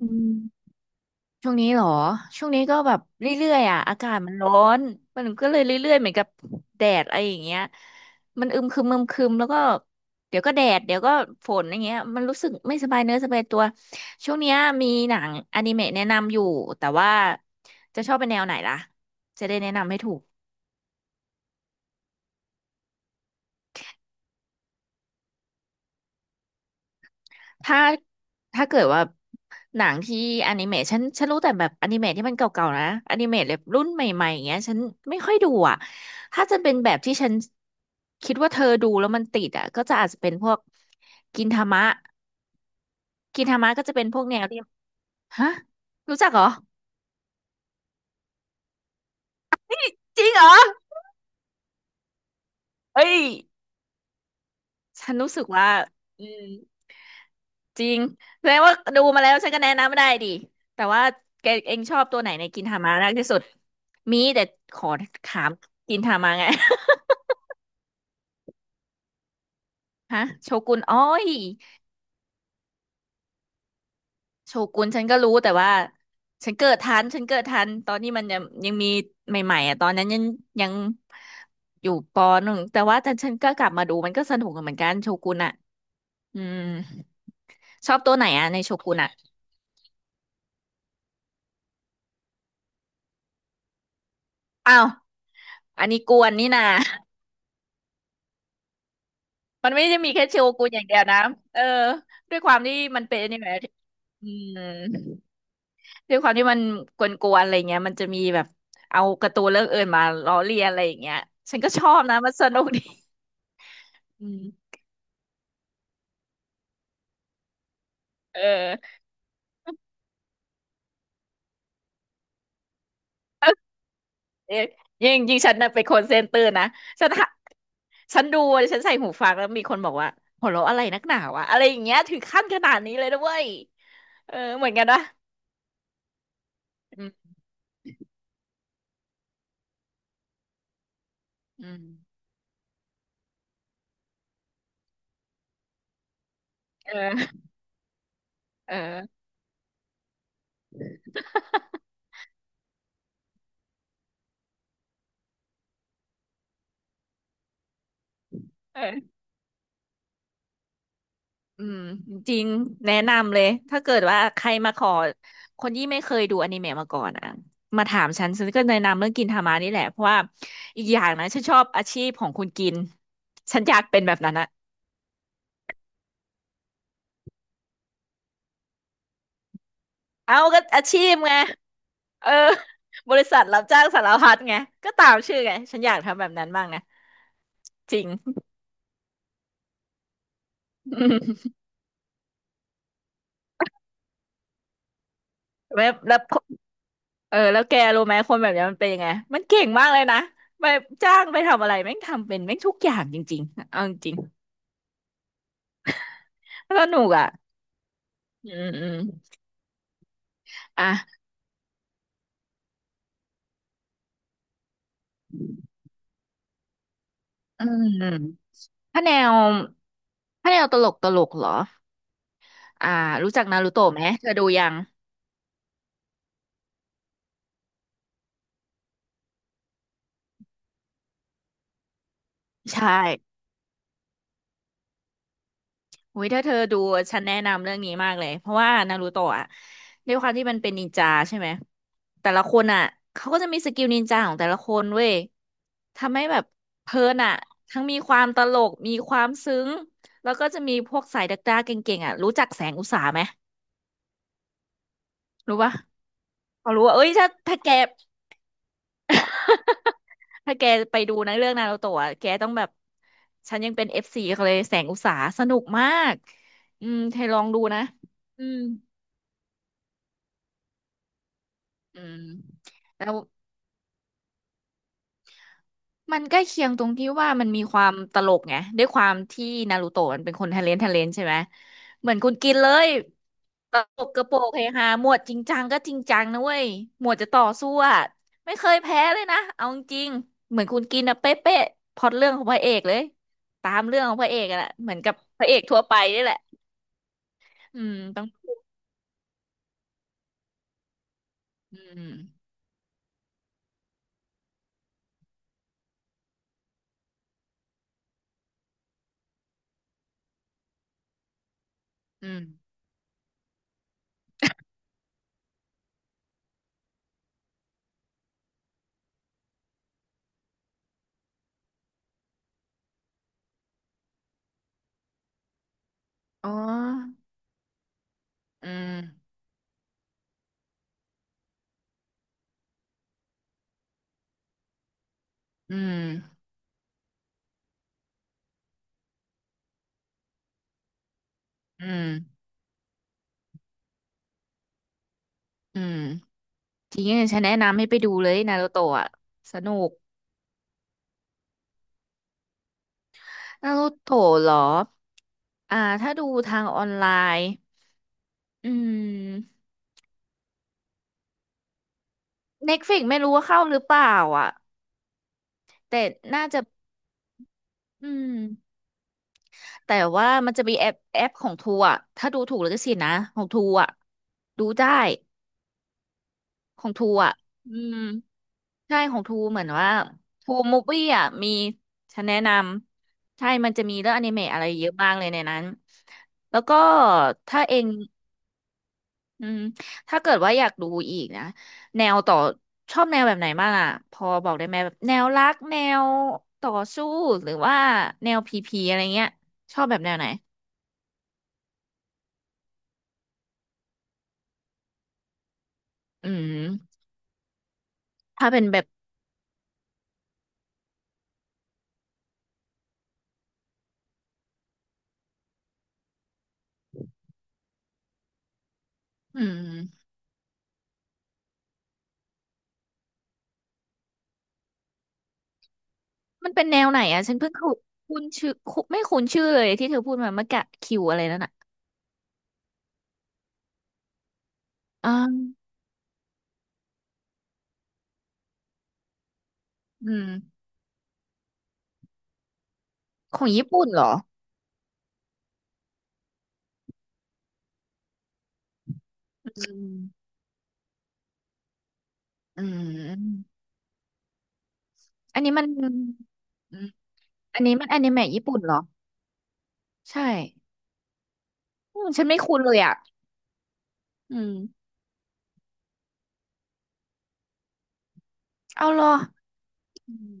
อืมช่วงนี้เหรอช่วงนี้ก็แบบเรื่อยๆอ่ะอากาศมันร้อนมันก็เลยเรื่อยๆเหมือนกับแดดอะไรอย่างเงี้ยมันอึมครึมอึมครึมแล้วก็เดี๋ยวก็แดดเดี๋ยวก็ฝนอย่างเงี้ยมันรู้สึกไม่สบายเนื้อสบายตัวช่วงเนี้ยมีหนังอนิเมะแนะนำอยู่แต่ว่าจะชอบเป็นแนวไหนล่ะจะได้แนะนำให้ถูก ถ้าถ้าเกิดว่าหนังที่อนิเมะฉันรู้แต่แบบอนิเมะที่มันเก่าๆนะอนิเมะแบบรุ่นใหม่ๆอย่างเงี้ยฉันไม่ค่อยดูอ่ะถ้าจะเป็นแบบที่ฉันคิดว่าเธอดูแล้วมันติดอ่ะก็จะอาจจะเป็นพวกกินทามะกินทามะก็จะเป็นพวกแนวที่ฮะรู้จักเหรอจริงเหรอเอ้ยฉันรู้สึกว่าอืม จริงแสดงว่าดูมาแล้วฉันก็แนะนำได้ดิแต่ว่าแกเองชอบตัวไหนในกินทามะมากที่สุดมีแต่ขอถามกินทามะไง ฮะโชกุนอ้อยโชกุนฉันก็รู้แต่ว่าฉันเกิดทันฉันเกิดทันตอนนี้มันยังมีใหม่ๆอ่ะตอนนั้นยังอยู่ปหนึ่งแต่ฉันก็กลับมาดูมันก็สนุกเหมือนกันโชกุนอ่ะอืมชอบตัวไหนอ่ะในโชกุนอ่ะอ้าวอันนี้กวนนี่นา มันไม่ได้มีแค่โชกุนอย่างเดียวนะเออด้วยความที่มันเป็นอนิเมะอืมด้วยความที่มันกวนๆอะไรเงี้ยมันจะมีแบบเอาการ์ตูนเรื่องอื่นมาล้อเลียนอะไรอย่างเงี้ยฉันก็ชอบนะมันสนุกดีอืมเออเอ๊ะยิ่งฉันน่ะเป็นคนเซนเตอร์นะฉันหาฉันดูฉันใส่หูฟังแล้วมีคนบอกว่าหัวเราะอะไรนักหนาวะอะไรอย่างเงี้ยถึงขั้นขนาดนี้เลยนะเว้ยเออเหมือนกันนะอืมอืมเออเออเออ อืมจริงแนะนำเลยถ้าเกิดว่าใครมาขอคนที่ไม่เคยดูอนิเมะมาก่อนอ่ะมาถามฉันฉันก็แนะนำเรื่องกินทามานี่แหละเพราะว่าอีกอย่างนะฉันชอบอาชีพของคุณกินฉันอยากเป็นแบบนั้นอะเอาก็อาชีพไงเออบริษัทรับจ้างสารพัดไงก็ตามชื่อไงฉันอยากทำแบบนั้นบ้างนะจริง แล้วเออแล้วแกรู้ไหมคนแบบนี้มันเป็นยังไงมันเก่งมากเลยนะไปจ้างไปทำอะไรแม่งทำเป็นแม่งทุกอย่างจริงๆเอาจริง สนุกอ่ะ อืมอืมอ่ะอืมถ้าแนวถ้าแนวตลกตลกเหรอ อ่ารู้จักนารูโตะไหมเธอดูยังใช่อุ้ยถ้าเธอดูฉันแนะนำเรื่องนี้มากเลยเพราะว่านารูโตะอ่ะด้วยความที่มันเป็นนินจาใช่ไหมแต่ละคนอ่ะเขาก็จะมีสกิลนินจาของแต่ละคนเว้ยทำให้แบบเพลินอ่ะทั้งมีความตลกมีความซึ้งแล้วก็จะมีพวกสายดักดาเก่งๆอ่ะรู้จักแสงอุตสาไหมรู้ปะเขารู้ว่าเอ้ยถ้าแก ถ้าแกไปดูนะเรื่องนารูโตะอะแกต้องแบบฉันยังเป็นเอฟซีเขาเลยแสงอุตสาสนุกมากอืมเธอลองดูนะอืมอืมแล้ว มันใกล้เคียงตรงที่ว่ามันมีความตลกไงด้วยความที่นารูโตะมันเป็นคนทะเลนใช่ไหมเหมือนคุณกินเลยตลกกระโปงเฮฮาหมวดจริงจังก็จริงจังนะเว้ยหมวดจะต่อสู้อะไม่เคยแพ้เลยนะเอาจริงๆเหมือนคุณกินอะเป๊ะเป๊ะพล็อตเรื่องของพระเอกเลยตามเรื่องของพระเอกอะแหละเหมือนกับพระเอกทั่วไปนี่แหละอืมต้องอืมอืมอ๋ออืมอืมอืมอืม จริงๆฉันแนะนำให้ไปดูเลยนารูโตะอะสนุกนารูโตะเหรออ่าถ้าดูทางออนไลน์อืมเน็ตฟิกไม่รู้ว่าเข้าหรือเปล่าอ่ะแต่น่าจะอืมแต่ว่ามันจะมีแอปของทูอ่ะถ้าดูถูกแลวก็สิทธิ์นะของทูอ่ะดูได้ของทูอ่ะอืมใช่ของทูเหมือนว่าทูมูฟวี่อ่ะมีฉันแนะนำใช่มันจะมีเรื่องอนิเมะอะไรเยอะมากเลยในนั้นแล้วก็ถ้าเอง อืมถ้าเกิดว่าอยากดูอีกนะแนวต่อชอบแนวแบบไหนบ้างอ่ะพอบอกได้ไหมแบบแนวรักแนวต่อสู้หรือว่าแนวพีพีอะไรเงี้ยชอบแบบแนวไหนอืมถ้าเป็นแบบอืมมันเป็นแนวไหนอ่ะฉันเพิ่งคุคุ้นชื่อคุไม่คุ้นชื่อเลยที่เธอพูดมาเมื่อกี้คิวอะไรนั่นอ่ะอ่าอืมของญี่ปุ่นเหรออืมอืมอันนี้มันอืมอันนี้มันอนิเมะญี่ปุ่นเหรอใช่อืมฉันไม่คุ้นเลยอ่ะอืม เอาเหรออืม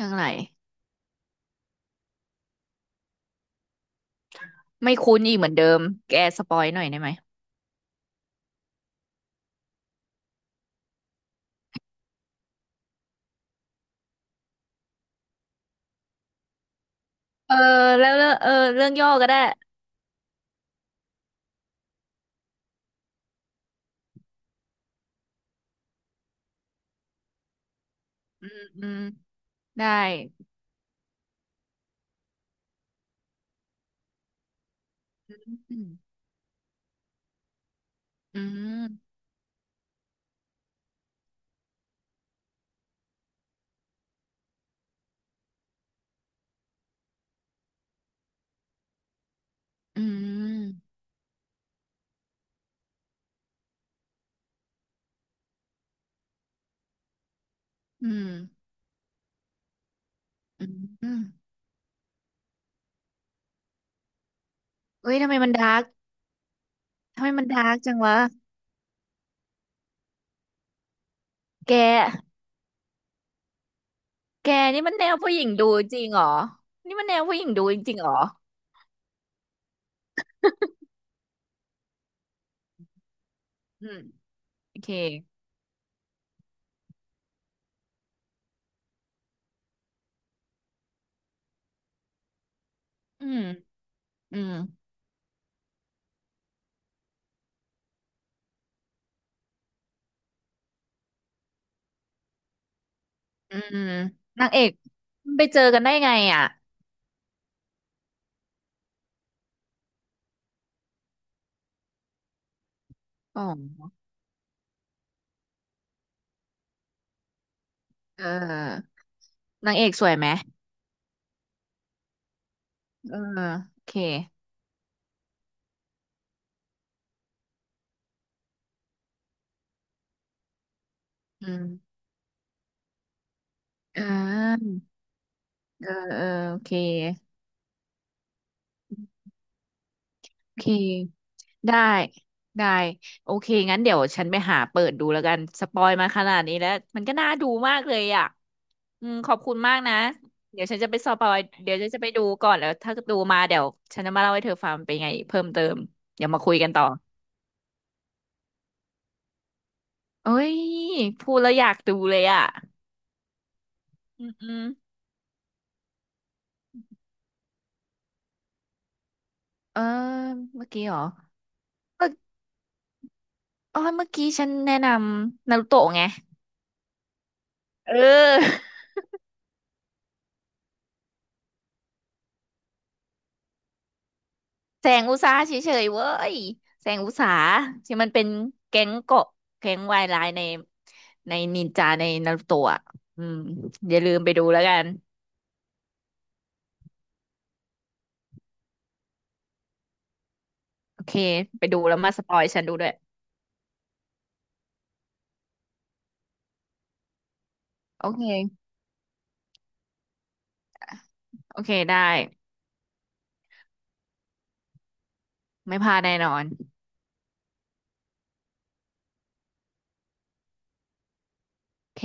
ยังไงไม่คุ้นอีกเหมือนเดิมแกสปอยหน่อยได้ไหมเออแล้วเรื่องเออเรื่องย่อก็ได้อืมได้อืมอืมอืมอืมอืมอืมเอ้ยทำไมมันดาร์กทำไมมันดาร์กจังวะแกแกนี่มันแนวผู้หญิงดูจริงเหรอนี่มันแนวผู้หญิงดูจริงเหรออืมโอเคอืมอืมอืมนางเอกมันไปเจอกันได้ไงอ่ะอ๋อเออนางเอกสวยไหม เออโอเคอืมอ่าเออเออโอเคโอเคได้ได้โอเคงั้นเดี๋ยวฉันไปหาเปิดดูแล้วกันสปอยมาขนาดนี้แล้วมันก็น่าดูมากเลยอ่ะอืมขอบคุณมากนะเดี๋ยวฉันจะไปสปอยเดี๋ยวฉันจะไปดูก่อนแล้วถ้าดูมาเดี๋ยวฉันจะมาเล่าให้เธอฟังเป็นไงเพิ่มเติมเดี๋ยวมาคุยกันต่อเอ้ยพูดแล้วอยากดูเลยอ่ะอืมอืมเออเมื่อกี้เหรอเมื่ออ๋อเมื่อกี้ฉันแนะนำนารูโตะไง เออแสงอุตสาหะเฉยๆเว้ยแสงอุตสาหะที่มันเป็นแก๊งเกาะแก๊งวายร้ายในนินจาในนารูโตะอะอืมอย่าลืมไปดูแล้วกันโอเคไปดูแล้วมาสปอยฉันดูด้วยโอเคโอเคได้ไม่พลาดแน่นอนโอเค